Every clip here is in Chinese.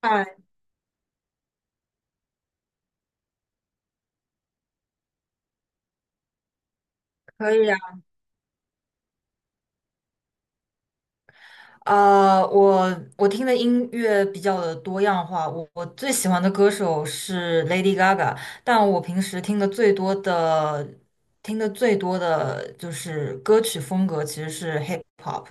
哎，可以啊。呃，我我听的音乐比较的多样化，我最喜欢的歌手是 Lady Gaga，但我平时听的最多的就是歌曲风格其实是 hip hop。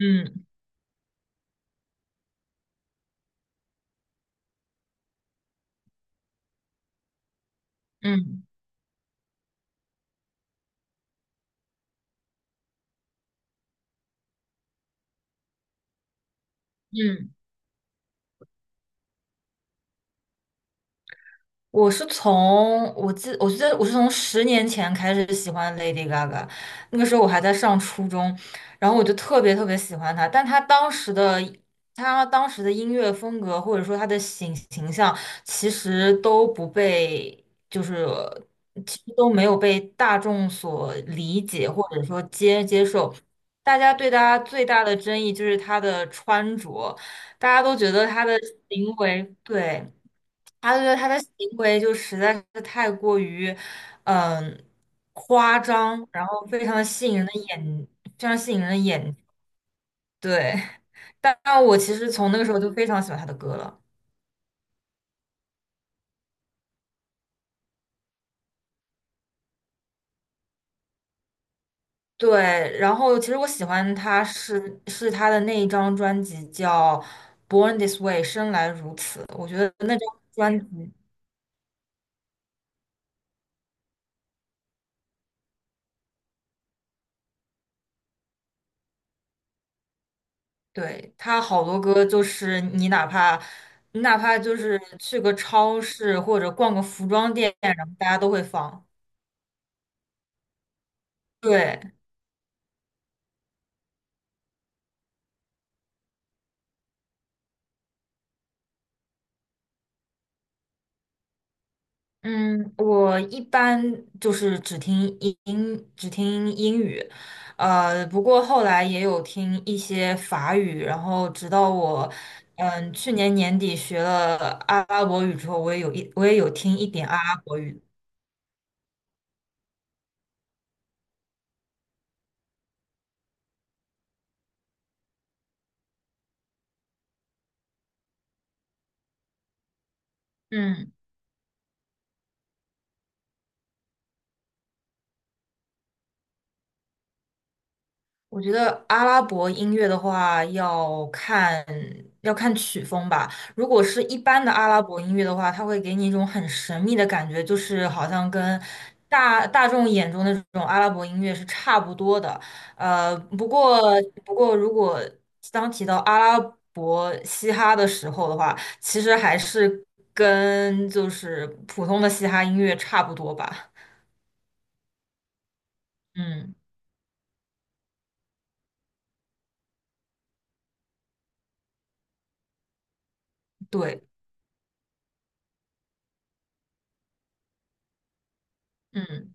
嗯嗯嗯。我记得我是从10年前开始喜欢 Lady Gaga，那个时候我还在上初中，然后我就特别特别喜欢她，但她当时的音乐风格或者说她的形象，其实都不被就是其实都没有被大众所理解或者说接受，大家对她最大的争议就是她的穿着，大家都觉得她的行为对。他觉得他的行为就实在是太过于，嗯、夸张，然后非常的吸引人的眼，非常吸引人的眼，对。但我其实从那个时候就非常喜欢他的歌了，对。然后其实我喜欢他是他的那一张专辑叫《Born This Way》，生来如此。我觉得那张专辑，对，他好多歌就是你哪怕。你哪怕就是去个超市或者逛个服装店，然后大家都会放。对，嗯，我一般就是只听英语，不过后来也有听一些法语，然后直到我，嗯，去年年底学了阿拉伯语之后，我也有听一点阿拉伯语，嗯。我觉得阿拉伯音乐的话，要看曲风吧。如果是一般的阿拉伯音乐的话，它会给你一种很神秘的感觉，就是好像跟大众眼中的这种阿拉伯音乐是差不多的。呃，不过不过，当提到阿拉伯嘻哈的时候的话，其实还是跟就是普通的嘻哈音乐差不多吧。嗯，对，嗯。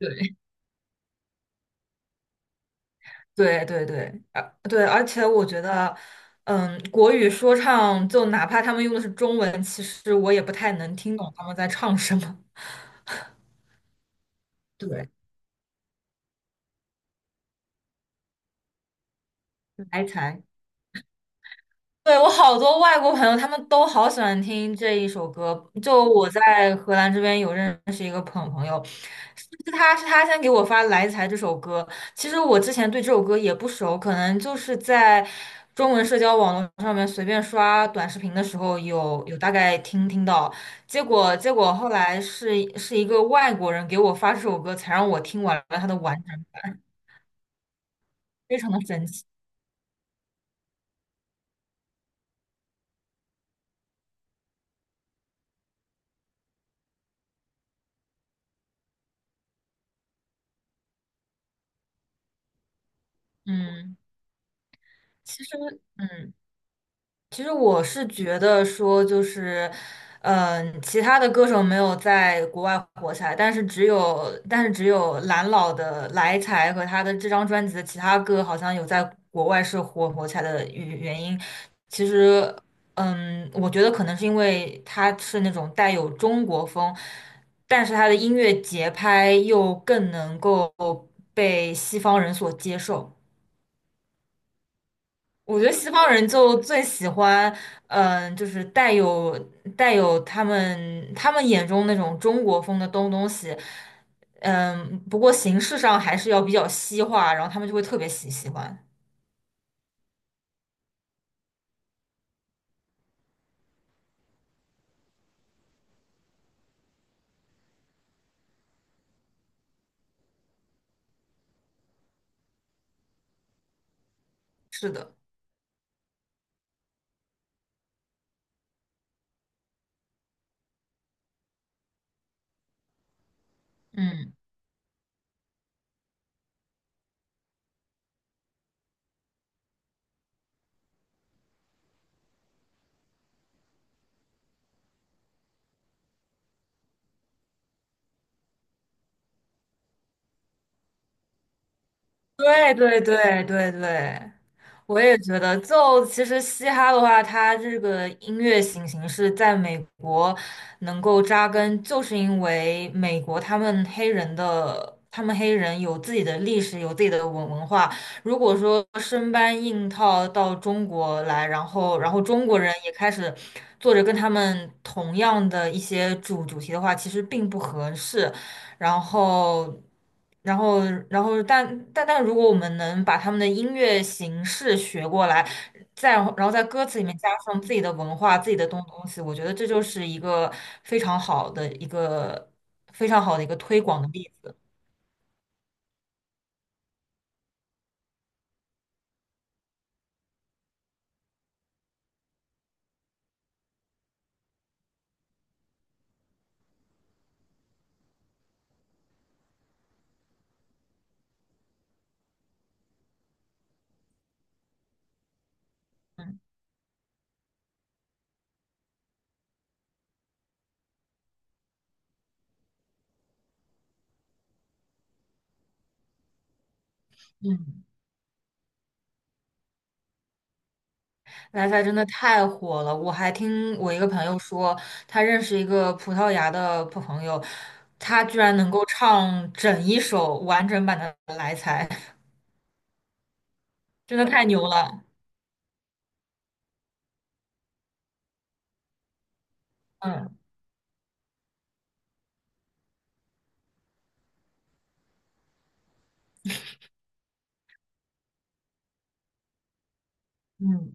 对。对对对，啊对，而且我觉得，嗯，国语说唱就哪怕他们用的是中文，其实我也不太能听懂他们在唱什么。对，来一猜。对，我好多外国朋友，他们都好喜欢听这一首歌。就我在荷兰这边有认识一个朋友，是是他是他先给我发《来财》这首歌。其实我之前对这首歌也不熟，可能就是在中文社交网络上面随便刷短视频的时候有大概听到。结果后来是一个外国人给我发这首歌，才让我听完了它的完整，非常的神奇。嗯，其实嗯。其实我是觉得说，就是，其他的歌手没有在国外火起来，但是只有蓝老的《来财》和他的这张专辑的其他歌，好像有在国外是火起来的原因。其实，嗯，我觉得可能是因为他是那种带有中国风，但是他的音乐节拍又更能够被西方人所接受。我觉得西方人就最喜欢，就是带有他们眼中那种中国风的东西，嗯，不过形式上还是要比较西化，然后他们就会特别喜欢。是的，嗯，对对对对对，我也觉得，就其实嘻哈的话，它这个音乐形式在美国能够扎根，就是因为美国他们黑人的，他们黑人有自己的历史，有自己的文化。如果说生搬硬套到中国来，然后中国人也开始做着跟他们同样的一些主题的话，其实并不合适。然后，然后，然后，但但，如果我们能把他们的音乐形式学过来，再然后然后在歌词里面加上自己的文化、自己的东西，我觉得这就是一个非常好的一个推广的例子。嗯嗯，来财真的太火了，我还听我一个朋友说，他认识一个葡萄牙的朋友，他居然能够唱整一首完整版的《来财》，真的太牛了。嗯嗯。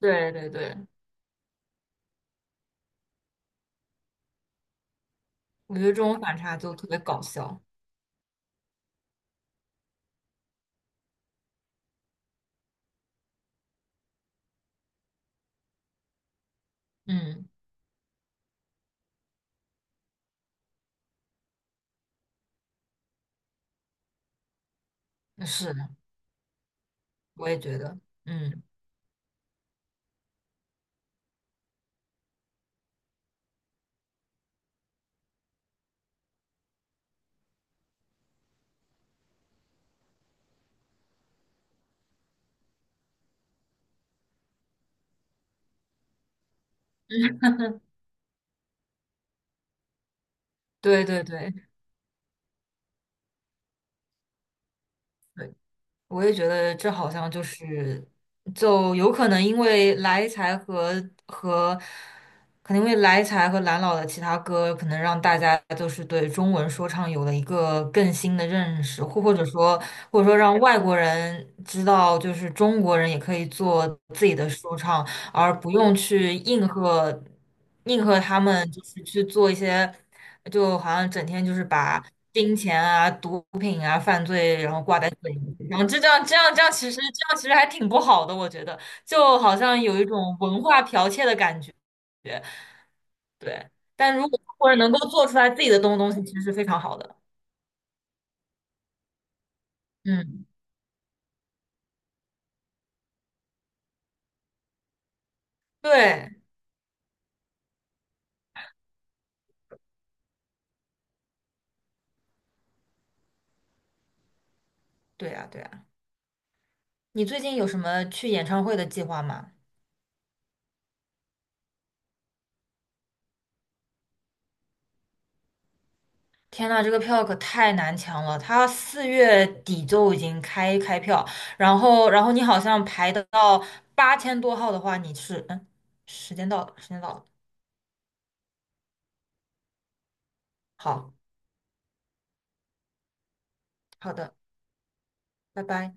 对对对，我觉得这种反差就特别搞笑。嗯，是的，我也觉得，嗯，对对对对，我也觉得这好像就是，就有可能因为来财和和可能因为来财和蓝老的其他歌，可能让大家就是对中文说唱有了一个更新的认识，或者说，或者说让外国人知道，就是中国人也可以做自己的说唱，而不用去应和他们，就是去做一些，就好像整天就是把金钱啊、毒品啊、犯罪，然后挂在嘴里，然后就这样这样这样，其实这样其实还挺不好的，我觉得，就好像有一种文化剽窃的感觉。对，但如果中国能够做出来自己的东西，其实是非常好的。嗯，对，对啊，对啊。你最近有什么去演唱会的计划吗？天呐，这个票可太难抢了，它4月底就已经开票，然后你好像排得到8000多号的话，你是嗯，时间到了，时间到了，好好的，拜拜。